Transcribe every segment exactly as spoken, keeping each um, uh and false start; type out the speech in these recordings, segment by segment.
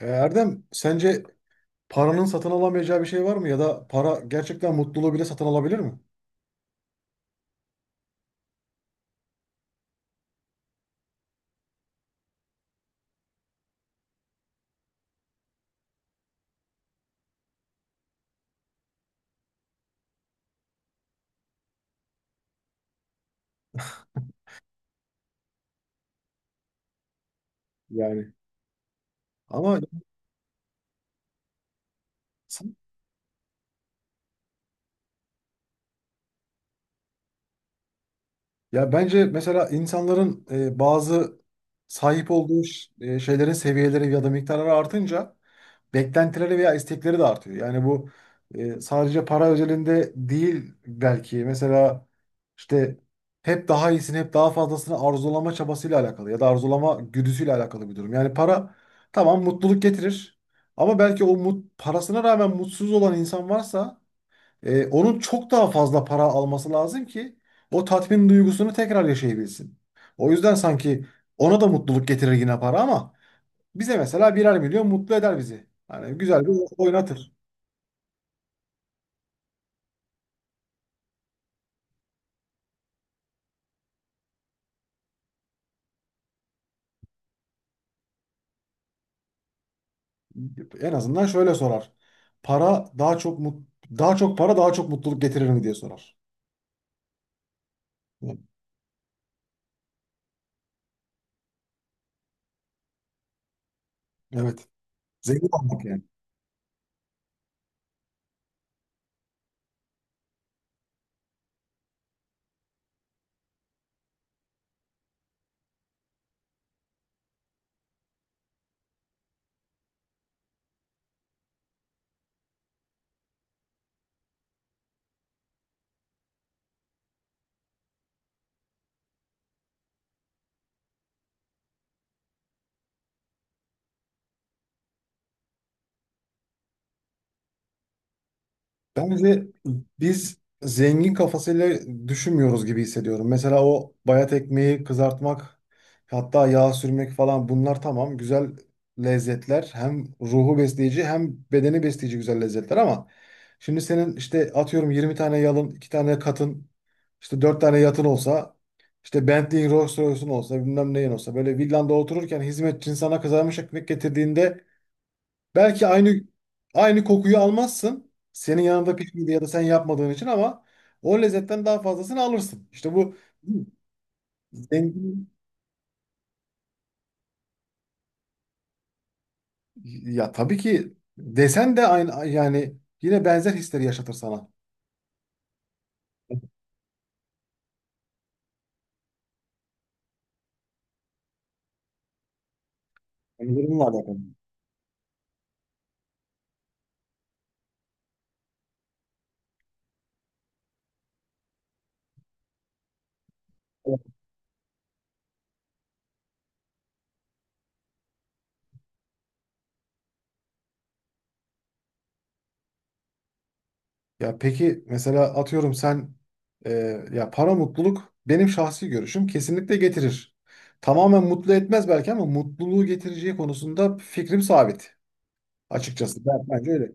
E, Erdem, sence paranın satın alamayacağı bir şey var mı? Ya da para gerçekten mutluluğu bile satın alabilir mi? Yani, ama, ya bence mesela insanların e, bazı sahip olduğu ş- e, şeylerin seviyeleri ya da miktarları artınca beklentileri veya istekleri de artıyor. Yani bu e, sadece para özelinde değil belki. Mesela işte hep daha iyisini, hep daha fazlasını arzulama çabasıyla alakalı ya da arzulama güdüsüyle alakalı bir durum. Yani para, tamam, mutluluk getirir ama belki o mut, parasına rağmen mutsuz olan insan varsa e, onun çok daha fazla para alması lazım ki o tatmin duygusunu tekrar yaşayabilsin. O yüzden sanki ona da mutluluk getirir yine para ama bize mesela birer milyon mutlu eder bizi. Hani güzel bir oynatır. En azından şöyle sorar. Para daha çok mut, daha çok para daha çok mutluluk getirir mi diye sorar. Evet. Zengin olmak yani. Bence biz zengin kafasıyla düşünmüyoruz gibi hissediyorum. Mesela o bayat ekmeği kızartmak, hatta yağ sürmek falan, bunlar tamam güzel lezzetler. Hem ruhu besleyici hem bedeni besleyici güzel lezzetler ama şimdi senin işte atıyorum yirmi tane yalın, iki tane katın, işte dört tane yatın olsa, işte Bentley'in, Rolls Royce'un olsa, bilmem neyin olsa, böyle villanda otururken hizmetçin sana kızarmış ekmek getirdiğinde belki aynı, aynı kokuyu almazsın. Senin yanında pişmediği ya da sen yapmadığın için ama o lezzetten daha fazlasını alırsın. İşte bu zengin, ya tabii ki desen de aynı yani, yine benzer hisleri yaşatır sana. Yani durumla alakalı. Ya peki mesela atıyorum sen e, ya para mutluluk benim şahsi görüşüm kesinlikle getirir. Tamamen mutlu etmez belki ama mutluluğu getireceği konusunda fikrim sabit. Açıkçası ben, bence öyle.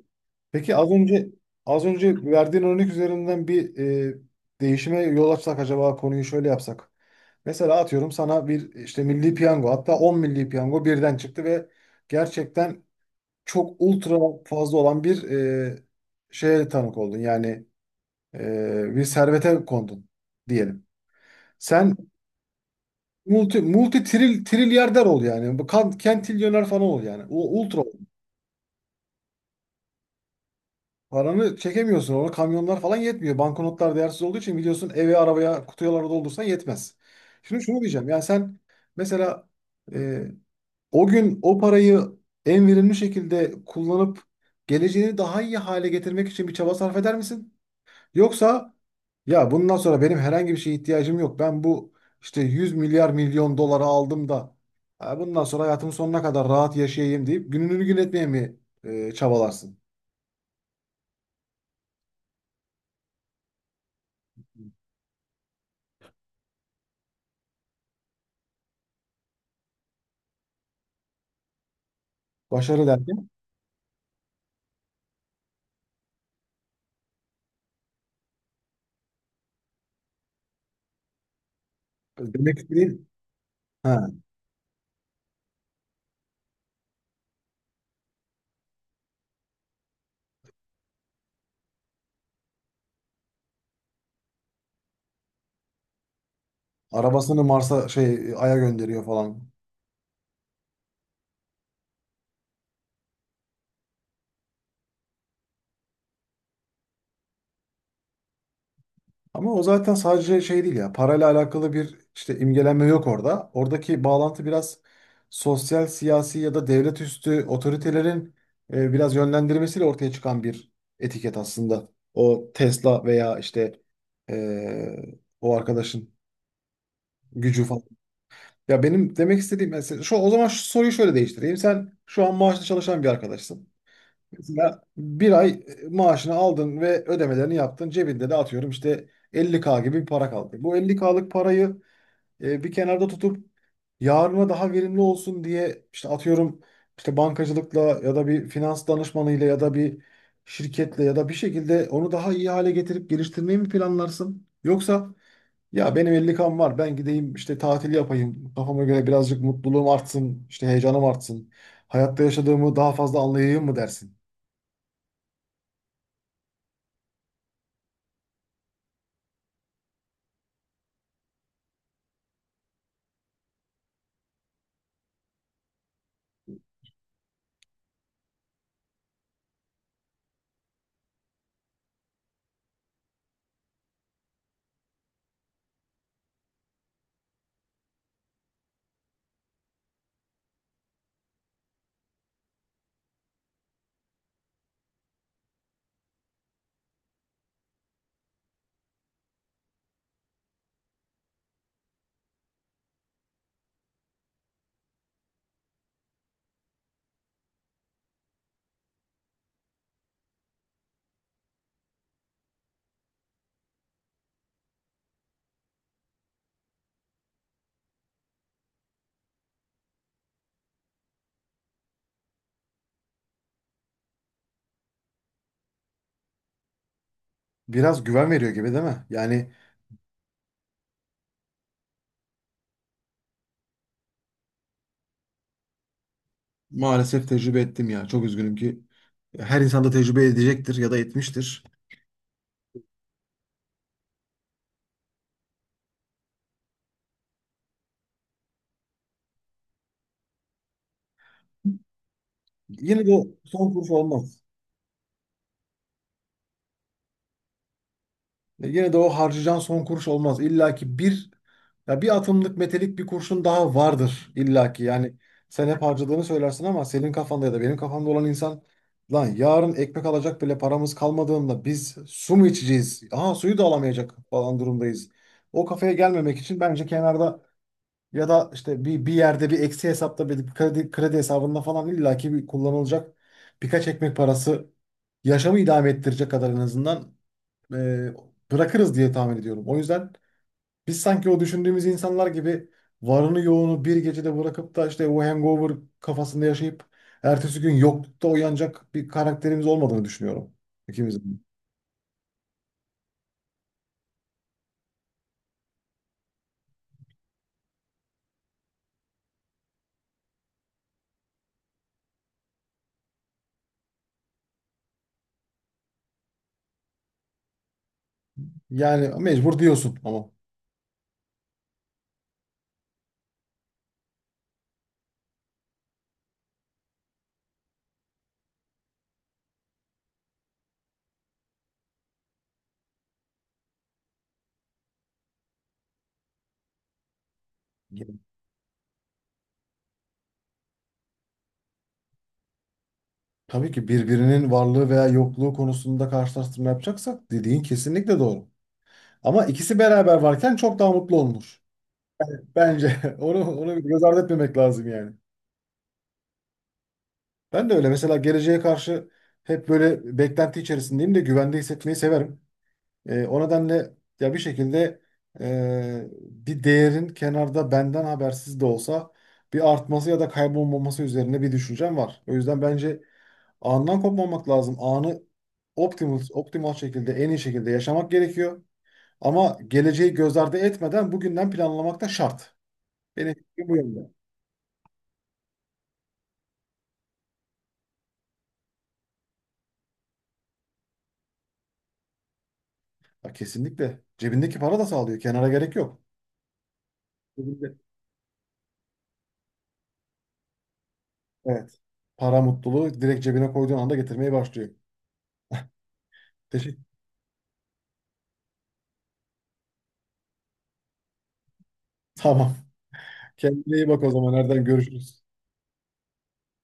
Peki az önce, az önce verdiğin örnek üzerinden bir e, değişime yol açsak, acaba konuyu şöyle yapsak. Mesela atıyorum, sana bir işte milli piyango, hatta on milli piyango birden çıktı ve gerçekten çok ultra fazla olan bir e, şeye tanık oldun. Yani e, bir servete kondun diyelim. Sen multi multi tril trilyarder ol yani. Bu kan- kentilyoner falan ol yani. U- Ultra. Paranı çekemiyorsun. Ona kamyonlar falan yetmiyor. Banknotlar değersiz olduğu için biliyorsun, eve, arabaya, kutuyalara doldursan yetmez. Şimdi şunu diyeceğim. Yani sen mesela, e, o gün o parayı en verimli şekilde kullanıp geleceğini daha iyi hale getirmek için bir çaba sarf eder misin? Yoksa ya bundan sonra benim herhangi bir şeye ihtiyacım yok. Ben bu işte yüz milyar milyon dolara aldım da, "Ha, bundan sonra hayatımın sonuna kadar rahat yaşayayım" deyip gününü gün etmeye mi e, çabalarsın? Başarı der. Demek istediğin, ha, arabasını Mars'a, şey, Ay'a gönderiyor falan. Ama o zaten sadece şey değil ya. Parayla alakalı bir işte imgelenme yok orada. Oradaki bağlantı biraz sosyal, siyasi ya da devlet üstü otoritelerin e, biraz yönlendirmesiyle ortaya çıkan bir etiket aslında. O Tesla veya işte e, o arkadaşın gücü falan. Ya benim demek istediğim mesela şu, o zaman şu soruyu şöyle değiştireyim. Sen şu an maaşlı çalışan bir arkadaşsın. Mesela bir ay e, maaşını aldın ve ödemelerini yaptın. Cebinde de atıyorum işte elli K gibi bir para kaldı. Bu elli K'lık'lık parayı e, bir kenarda tutup yarına daha verimli olsun diye işte atıyorum, işte bankacılıkla ya da bir finans danışmanıyla ya da bir şirketle ya da bir şekilde onu daha iyi hale getirip geliştirmeyi mi planlarsın? Yoksa, ya benim 50K'm var, ben gideyim işte tatil yapayım kafama göre, birazcık mutluluğum artsın, işte heyecanım artsın, hayatta yaşadığımı daha fazla anlayayım mı dersin? Biraz güven veriyor gibi değil mi? Yani maalesef tecrübe ettim ya. Çok üzgünüm ki. Her insan da tecrübe edecektir ya da etmiştir. Yine de o son kuruş olmaz. E, Yine de o harcayacağın son kuruş olmaz. İlla ki bir, ya bir atımlık metelik, bir kurşun daha vardır illa ki. Yani sen hep harcadığını söylersin ama senin kafanda ya da benim kafamda olan insan, lan yarın ekmek alacak bile paramız kalmadığında biz su mu içeceğiz? Aha, suyu da alamayacak falan durumdayız. O kafaya gelmemek için bence kenarda, ya da işte bir, bir, yerde bir eksi hesapta bir kredi, kredi hesabında falan illaki bir kullanılacak birkaç ekmek parası, yaşamı idame ettirecek kadar en azından, e, bırakırız diye tahmin ediyorum. O yüzden biz sanki o düşündüğümüz insanlar gibi varını yoğunu bir gecede bırakıp da işte o hangover kafasında yaşayıp ertesi gün yoklukta uyanacak bir karakterimiz olmadığını düşünüyorum, ikimizin. Yani mecbur diyorsun ama. Tabii ki, birbirinin varlığı veya yokluğu konusunda karşılaştırma yapacaksak dediğin kesinlikle doğru. Ama ikisi beraber varken çok daha mutlu olunur. Bence onu onu göz ardı etmemek lazım yani. Ben de öyle, mesela geleceğe karşı hep böyle beklenti içerisindeyim de güvende hissetmeyi severim. Ee, o nedenle ya bir şekilde e, bir değerin kenarda benden habersiz de olsa bir artması ya da kaybolmaması üzerine bir düşüncem var. O yüzden bence andan kopmamak lazım. Anı optimal, optimal şekilde, en iyi şekilde yaşamak gerekiyor. Ama geleceği göz ardı etmeden bugünden planlamak da şart. Benim fikrim bu yönde. Ha, kesinlikle. Cebindeki para da sağlıyor. Kenara gerek yok. Cebinde. Evet. Para mutluluğu direkt cebine koyduğun anda getirmeye başlıyor. Teşekkür. Tamam. Kendine iyi bak o zaman. Nereden görüşürüz?